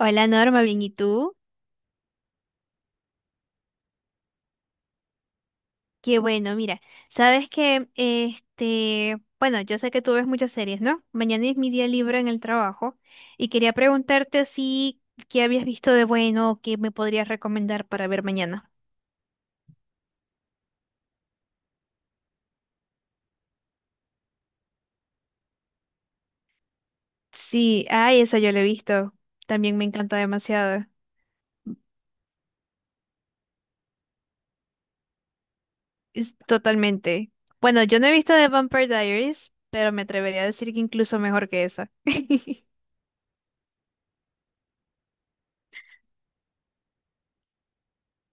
Hola Norma, bien, ¿y tú? Qué bueno, mira, sabes que, bueno, yo sé que tú ves muchas series, ¿no? Mañana es mi día libre en el trabajo y quería preguntarte si, qué habías visto de bueno o qué me podrías recomendar para ver mañana. Sí, ay, esa yo la he visto, también me encanta demasiado, es totalmente. Bueno, yo no he visto The Vampire Diaries, pero me atrevería a decir que incluso mejor que esa.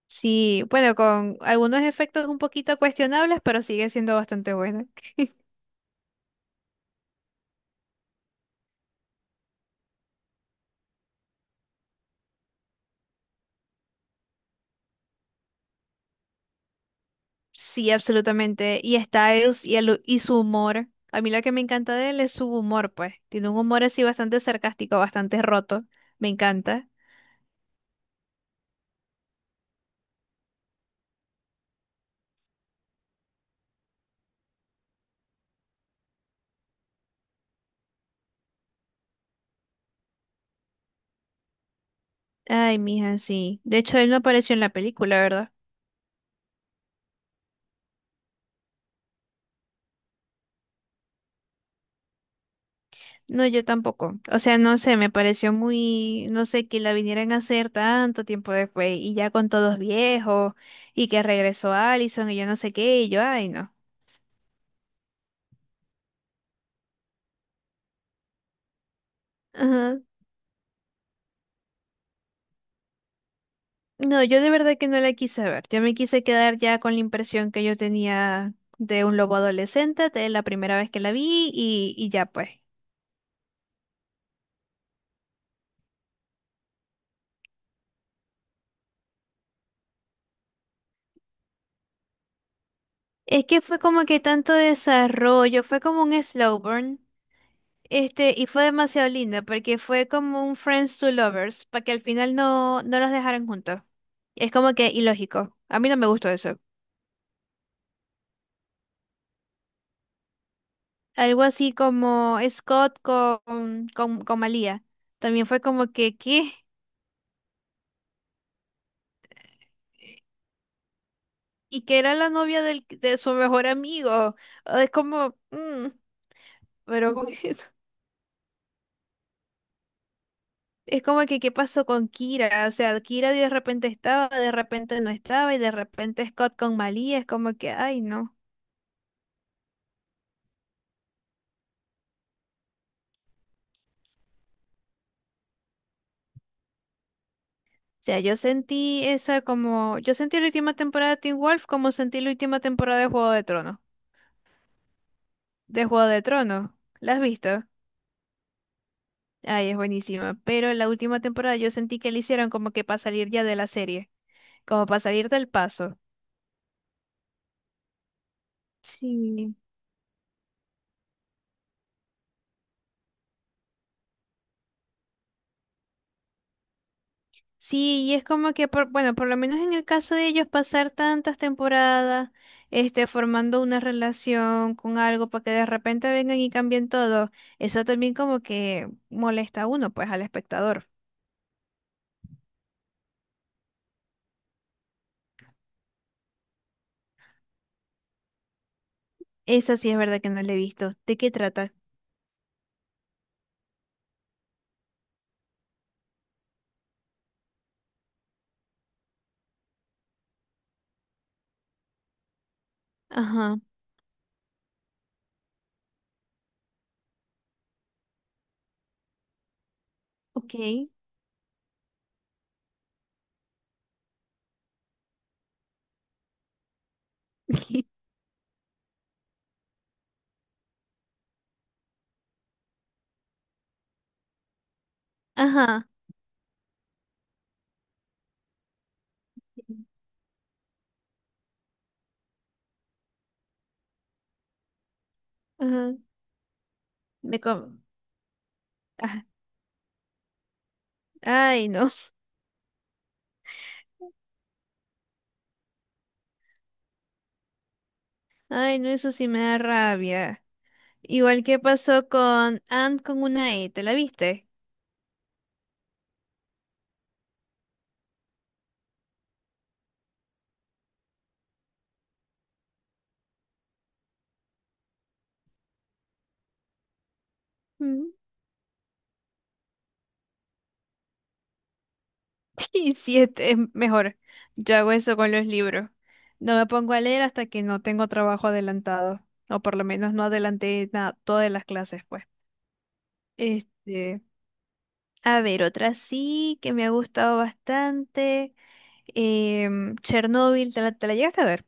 Sí, bueno, con algunos efectos un poquito cuestionables, pero sigue siendo bastante buena. Sí, absolutamente. Y Styles y su humor. A mí lo que me encanta de él es su humor, pues. Tiene un humor así bastante sarcástico, bastante roto. Me encanta. Ay, mija, sí. De hecho, él no apareció en la película, ¿verdad? No, yo tampoco. O sea, no sé, me pareció muy, no sé, que la vinieran a hacer tanto tiempo después y ya con todos viejos y que regresó Allison y yo no sé qué y yo, ay, no. Ajá. No, yo de verdad que no la quise ver. Yo me quise quedar ya con la impresión que yo tenía de un lobo adolescente de la primera vez que la vi y ya pues. Es que fue como que tanto desarrollo, fue como un slow burn, y fue demasiado lindo porque fue como un friends to lovers, para que al final no, no los dejaran juntos. Es como que ilógico. A mí no me gustó eso. Algo así como Scott con Malia. También fue como que, ¿qué? Y que era la novia de su mejor amigo. Ah, es como, pero bueno, es como que, ¿qué pasó con Kira? O sea, Kira de repente estaba, de repente no estaba, y de repente Scott con Malia, es como que, ay, no. O sea, yo sentí la última temporada de Teen Wolf como sentí la última temporada de Juego de Tronos. De Juego de Tronos, ¿la has visto? Ay, es buenísima. Pero en la última temporada yo sentí que le hicieron como que para salir ya de la serie, como para salir del paso. Sí. Sí, y es como que, bueno, por lo menos en el caso de ellos, pasar tantas temporadas, formando una relación con algo para que de repente vengan y cambien todo, eso también como que molesta a uno, pues, al espectador. Esa sí es verdad que no la he visto. ¿De qué trata? Ajá, ok. Ajá, ajá. Me com- ajá. Ay, no. Ay, no, eso sí me da rabia. Igual que pasó con Ant con una E, ¿te la viste? Y sí, es mejor. Yo hago eso con los libros. No me pongo a leer hasta que no tengo trabajo adelantado. O por lo menos no adelanté nada, todas las clases, pues. Este, a ver, otra sí que me ha gustado bastante. Chernobyl, ¿te la llegaste a ver?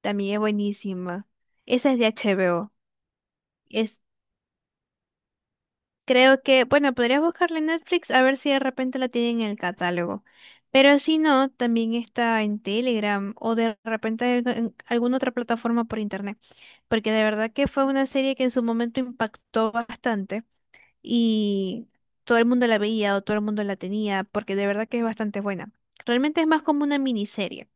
También es buenísima. Esa es de HBO. Creo que, bueno, podrías buscarla en Netflix a ver si de repente la tienen en el catálogo. Pero si no, también está en Telegram o de repente en alguna otra plataforma por internet. Porque de verdad que fue una serie que en su momento impactó bastante y todo el mundo la veía o todo el mundo la tenía porque de verdad que es bastante buena. Realmente es más como una miniserie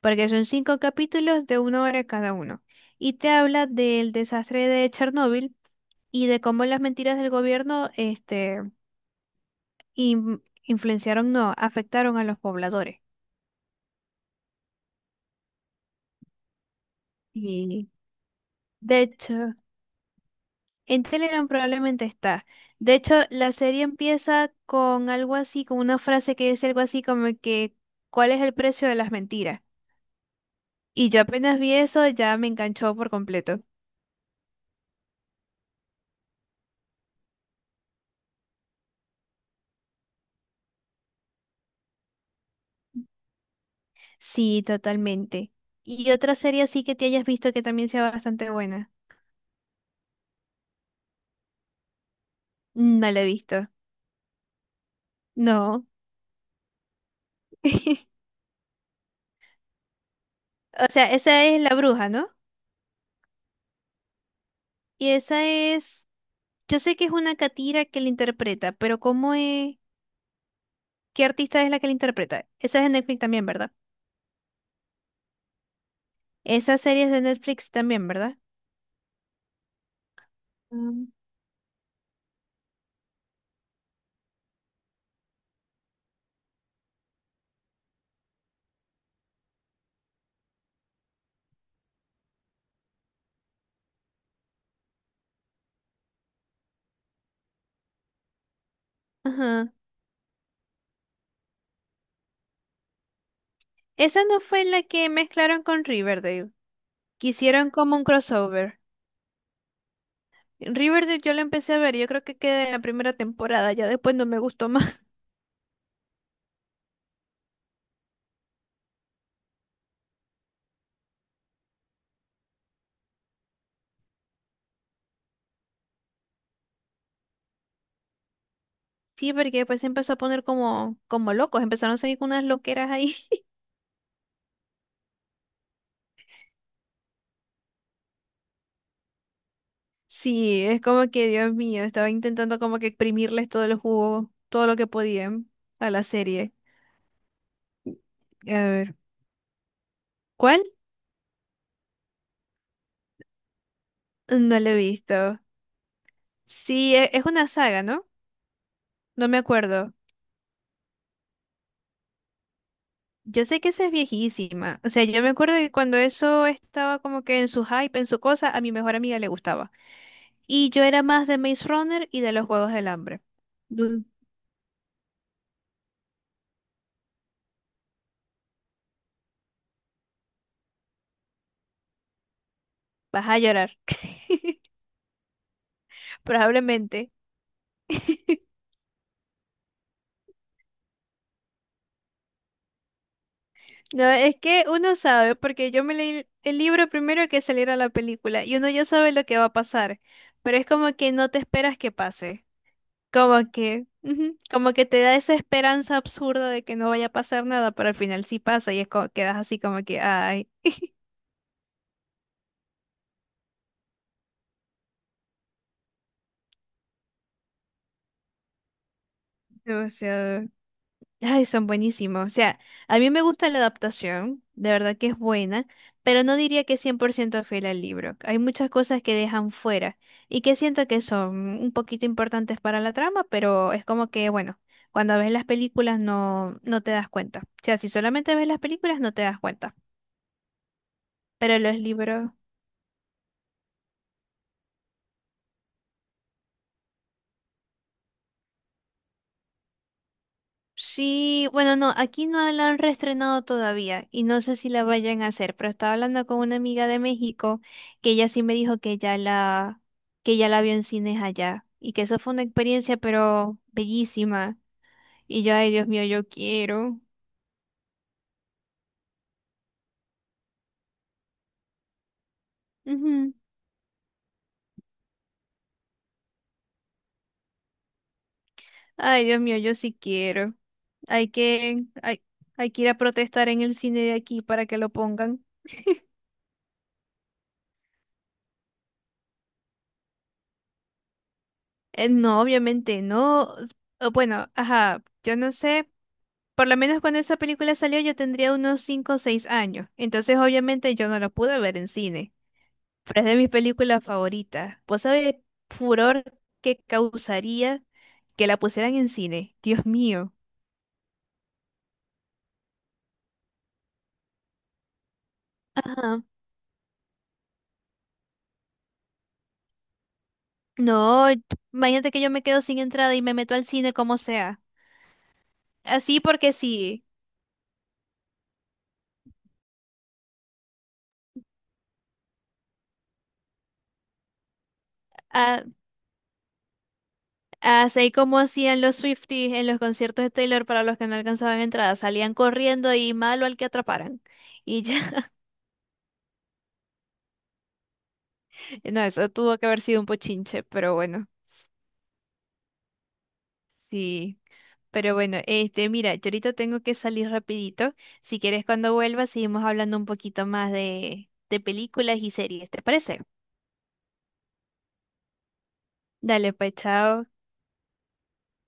porque son cinco capítulos de una hora cada uno. Y te habla del desastre de Chernóbil y de cómo las mentiras del gobierno influenciaron, no, afectaron a los pobladores. Y de hecho, en Telegram probablemente está. De hecho, la serie empieza con algo así, con una frase que dice algo así como que, ¿cuál es el precio de las mentiras? Y yo apenas vi eso, ya me enganchó por completo. Sí, totalmente. ¿Y otra serie así que te hayas visto que también sea bastante buena? No la he visto. No. O sea, esa es la bruja, ¿no? Y esa es. Yo sé que es una catira que la interpreta, pero ¿cómo es? ¿Qué artista es la que la interpreta? Esa es de Netflix también, ¿verdad? Esa serie es de Netflix también, ¿verdad? Mm. Ajá. Esa no fue la que mezclaron con Riverdale. Que hicieron como un crossover. Riverdale yo la empecé a ver, yo creo que quedé en la primera temporada, ya después no me gustó más. Sí, porque después se empezó a poner como locos, empezaron a salir con unas loqueras ahí. Sí, es como que, Dios mío, estaba intentando como que exprimirles todo el jugo, todo lo que podían a la serie. A ver, ¿cuál? No lo he visto. Sí, es una saga, ¿no? No me acuerdo. Yo sé que esa es viejísima. O sea, yo me acuerdo que cuando eso estaba como que en su hype, en su cosa, a mi mejor amiga le gustaba. Y yo era más de Maze Runner y de los Juegos del Hambre. Mm, Vas a llorar. Probablemente. No, es que uno sabe, porque yo me leí el libro primero que saliera la película y uno ya sabe lo que va a pasar, pero es como que no te esperas que pase, como que, ujú, como que te da esa esperanza absurda de que no vaya a pasar nada, pero al final sí pasa y es como, quedas así como que, ay, demasiado. Ay, son buenísimos. O sea, a mí me gusta la adaptación, de verdad que es buena, pero no diría que es 100% fiel al libro. Hay muchas cosas que dejan fuera y que siento que son un poquito importantes para la trama, pero es como que, bueno, cuando ves las películas no, no te das cuenta. O sea, si solamente ves las películas no te das cuenta, pero los libros. Sí, bueno, no, aquí no la han reestrenado todavía y no sé si la vayan a hacer, pero estaba hablando con una amiga de México que ella sí me dijo que ya la vio en cines allá y que eso fue una experiencia pero bellísima. Y yo, ay Dios mío, yo quiero. Ujú. Ay Dios mío, yo sí quiero. Hay que, hay, hay que ir a protestar en el cine de aquí para que lo pongan. No, obviamente no. Bueno, ajá, yo no sé. Por lo menos cuando esa película salió yo tendría unos 5 o 6 años, entonces obviamente yo no la pude ver en cine, pero es de mis películas favoritas. ¿Vos sabés el furor que causaría que la pusieran en cine? Dios mío. Ajá. No, imagínate que yo me quedo sin entrada y me meto al cine como sea. Así porque sí. a- Así como hacían los Swifties en los conciertos de Taylor para los que no alcanzaban entrada. Salían corriendo y malo al que atraparan. Y ya. No, eso tuvo que haber sido un pochinche, pero bueno, sí. Pero bueno, mira, yo ahorita tengo que salir rapidito. Si quieres, cuando vuelva, seguimos hablando un poquito más de películas y series, ¿te parece? Dale, pues, chao.